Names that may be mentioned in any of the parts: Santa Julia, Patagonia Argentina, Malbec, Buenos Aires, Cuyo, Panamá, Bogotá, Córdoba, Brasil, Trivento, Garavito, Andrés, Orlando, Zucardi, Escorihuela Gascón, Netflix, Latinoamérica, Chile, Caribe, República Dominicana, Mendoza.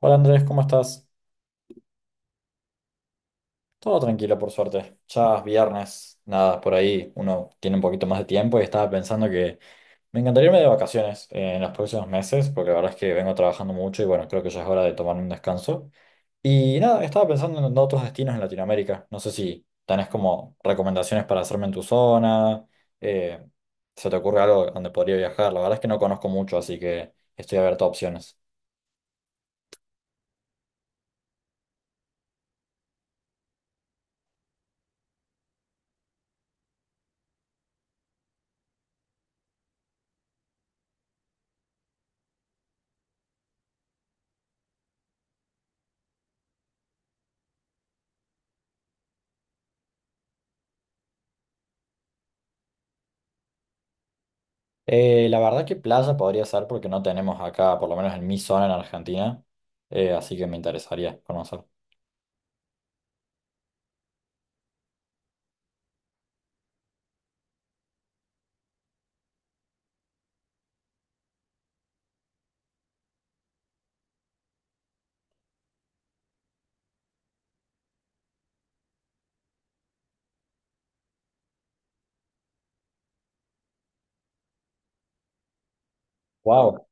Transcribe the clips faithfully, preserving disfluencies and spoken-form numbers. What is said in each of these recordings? Hola Andrés, ¿cómo estás? Todo tranquilo, por suerte. Ya es viernes, nada, por ahí uno tiene un poquito más de tiempo y estaba pensando que me encantaría irme de vacaciones eh, en los próximos meses, porque la verdad es que vengo trabajando mucho y bueno, creo que ya es hora de tomar un descanso. Y nada, estaba pensando en otros destinos en Latinoamérica. No sé si tenés como recomendaciones para hacerme en tu zona, eh, se te ocurre algo donde podría viajar. La verdad es que no conozco mucho, así que estoy abierto a opciones. Eh, la verdad que playa podría ser porque no tenemos acá, por lo menos en mi zona en Argentina, eh, así que me interesaría conocer. Wow.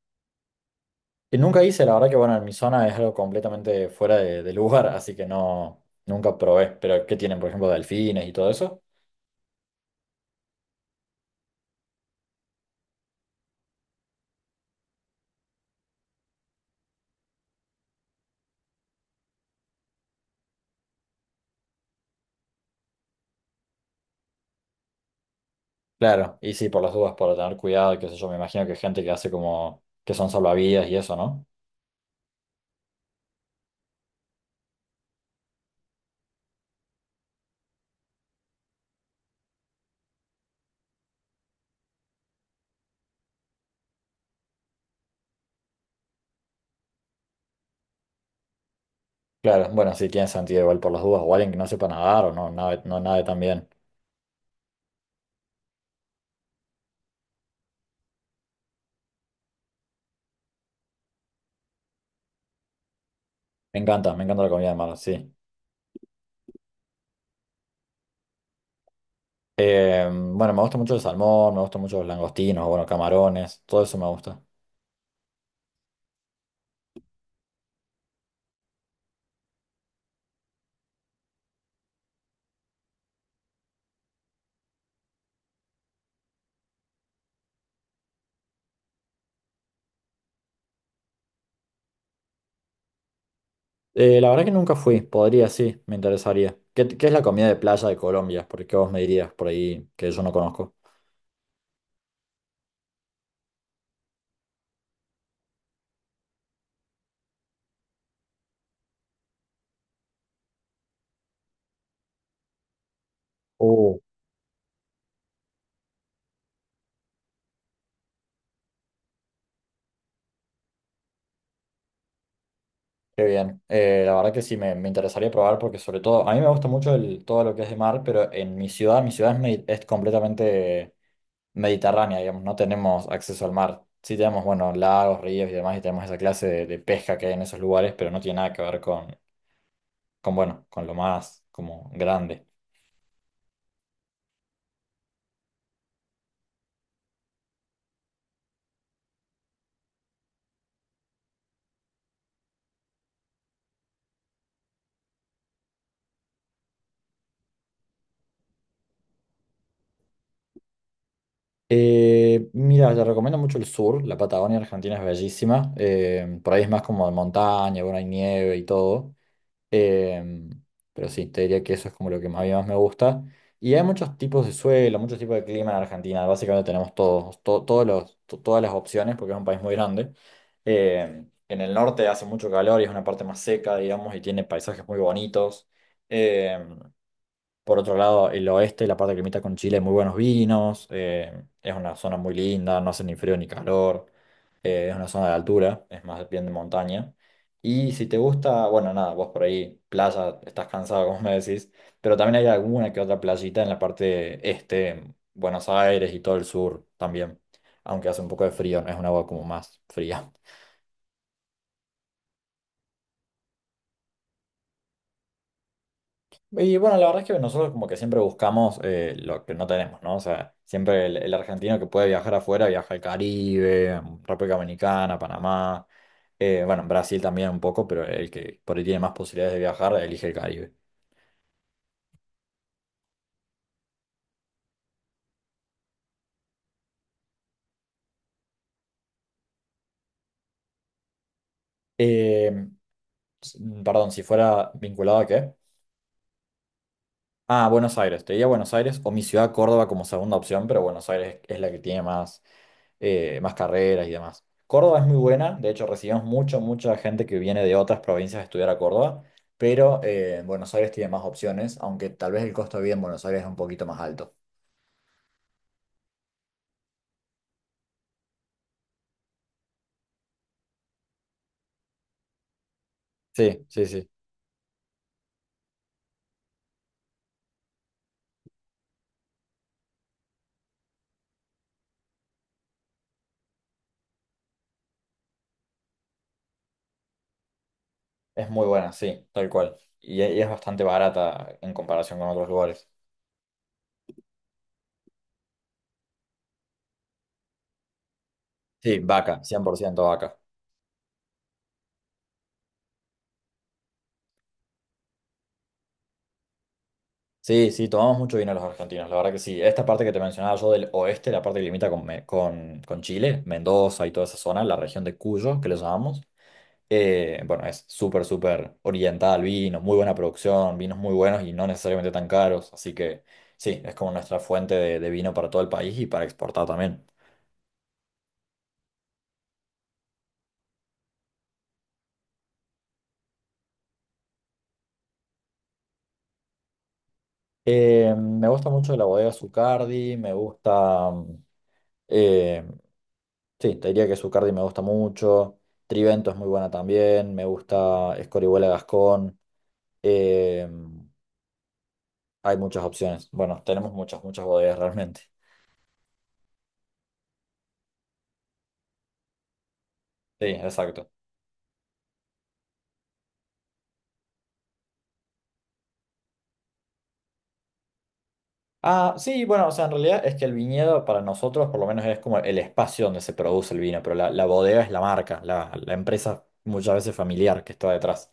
Que nunca hice, la verdad que bueno, en mi zona es algo completamente fuera de, de lugar, así que no, nunca probé. Pero ¿qué tienen, por ejemplo, delfines y todo eso? Claro, y sí, por las dudas, por tener cuidado, qué sé yo, me imagino que hay gente que hace como que son salvavidas y eso, ¿no? Claro, bueno, sí, tiene sentido igual por las dudas, o alguien que no sepa nadar o no, nada, no nade tan bien. Me encanta, me encanta la comida de mar, sí. Eh, bueno, me gusta mucho el salmón, me gustan mucho los langostinos, bueno, camarones, todo eso me gusta. Eh, la verdad que nunca fui, podría, sí, me interesaría. ¿Qué, qué es la comida de playa de Colombia? Porque vos me dirías por ahí que yo no conozco. Uh. Qué bien. Eh, la verdad que sí, me, me interesaría probar porque sobre todo, a mí me gusta mucho el, todo lo que es de mar, pero en mi ciudad, mi ciudad es, medi- es completamente mediterránea, digamos, no tenemos acceso al mar. Sí tenemos, bueno, lagos, ríos y demás, y tenemos esa clase de, de pesca que hay en esos lugares, pero no tiene nada que ver con bueno, con lo más como grande. Eh, mira, te recomiendo mucho el sur, la Patagonia Argentina es bellísima, eh, por ahí es más como de montaña, bueno, hay nieve y todo, eh, pero sí, te diría que eso es como lo que más, a mí más me gusta. Y hay muchos tipos de suelo, muchos tipos de clima en Argentina, básicamente tenemos todos, to- todos los, to- todas las opciones porque es un país muy grande. Eh, en el norte hace mucho calor y es una parte más seca, digamos, y tiene paisajes muy bonitos. Eh, Por otro lado, el oeste, la parte que limita con Chile, muy buenos vinos, eh, es una zona muy linda, no hace ni frío ni calor, eh, es una zona de altura, es más bien de montaña. Y si te gusta, bueno, nada, vos por ahí, playa, estás cansado, como me decís, pero también hay alguna que otra playita en la parte este, en Buenos Aires y todo el sur también, aunque hace un poco de frío, no es un agua como más fría. Y bueno, la verdad es que nosotros como que siempre buscamos eh, lo que no tenemos, ¿no? O sea, siempre el, el argentino que puede viajar afuera viaja al Caribe, mm, República Dominicana, Panamá, eh, bueno, Brasil también un poco, pero el que por ahí tiene más posibilidades de viajar elige el Caribe. Eh, s- mm, Perdón, ¿si fuera vinculado a qué? Ah, Buenos Aires, te diría Buenos Aires o mi ciudad Córdoba como segunda opción, pero Buenos Aires es la que tiene más eh, más carreras y demás. Córdoba es muy buena, de hecho recibimos mucho, mucha gente que viene de otras provincias a estudiar a Córdoba, pero eh, Buenos Aires tiene más opciones, aunque tal vez el costo de vida en Buenos Aires es un poquito más alto. Sí, sí, sí. Es muy buena, sí, tal cual. Y, e- y es bastante barata en comparación con otros lugares. Sí, vaca, cien por ciento vaca. Sí, sí, tomamos mucho vino los argentinos, la verdad que sí. Esta parte que te mencionaba yo del oeste, la parte que limita con, Me- con, con Chile, Mendoza y toda esa zona, la región de Cuyo, que le llamamos. Eh, bueno, es súper, súper orientada al vino, muy buena producción, vinos muy buenos y no necesariamente tan caros. Así que sí, es como nuestra fuente de, de vino para todo el país y para exportar también. Eh, me gusta mucho la bodega Zucardi, me gusta, mm, eh, sí, te diría que Zucardi me gusta mucho. Trivento es muy buena también, me gusta Escorihuela Gascón. eh, hay muchas opciones. Bueno, tenemos muchas, muchas bodegas realmente. Sí, exacto. Ah, sí, bueno, o sea, en realidad es que el viñedo para nosotros por lo menos es como el espacio donde se produce el vino, pero la, la bodega es la marca, la, la empresa muchas veces familiar que está detrás.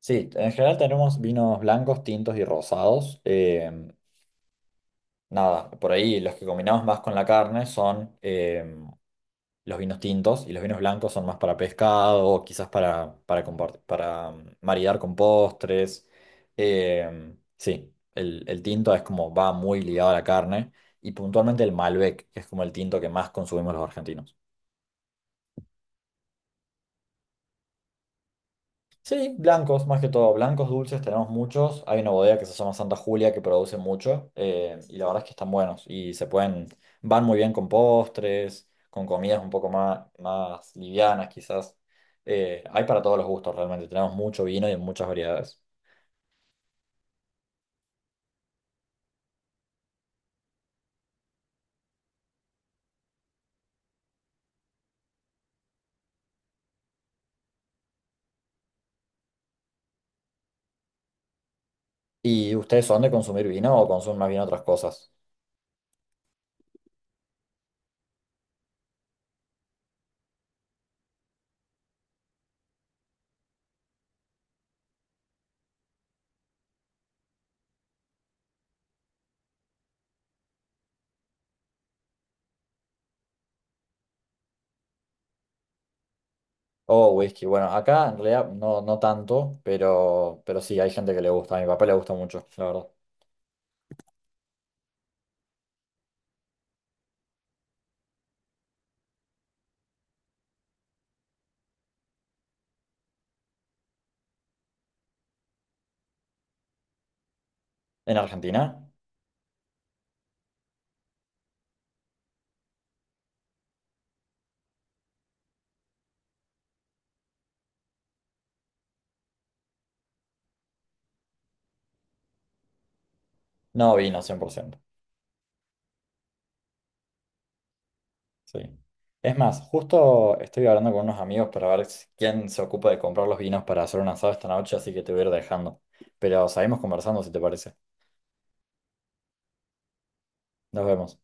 Sí, en general tenemos vinos blancos, tintos y rosados. Eh, nada, por ahí los que combinamos más con la carne son eh, los vinos tintos y los vinos blancos son más para pescado o quizás para, para, compart- para mm, maridar con postres. Em, sí, el, el tinto es como va muy ligado a la carne y puntualmente el Malbec, que es como el tinto que más consumimos los argentinos. Sí, blancos, más que todo, blancos dulces tenemos muchos. Hay una bodega que se llama Santa Julia que produce mucho eh, y la verdad es que están buenos y se pueden, van muy bien con postres, con comidas un poco más, más livianas quizás. Eh, hay para todos los gustos realmente, tenemos mucho vino y en muchas variedades. ¿Y ustedes son de consumir vino o consumen más bien otras cosas? O whisky, bueno, acá en realidad no, no tanto, pero, pero sí, hay gente que le gusta, a mi papá le gusta mucho, la verdad. ¿En Argentina? No, vino, cien por ciento. Sí. Es más, justo estoy hablando con unos amigos para ver si- quién se ocupa de comprar los vinos para hacer un asado esta noche, así que te voy a ir dejando. Pero seguimos conversando si te parece. Nos vemos.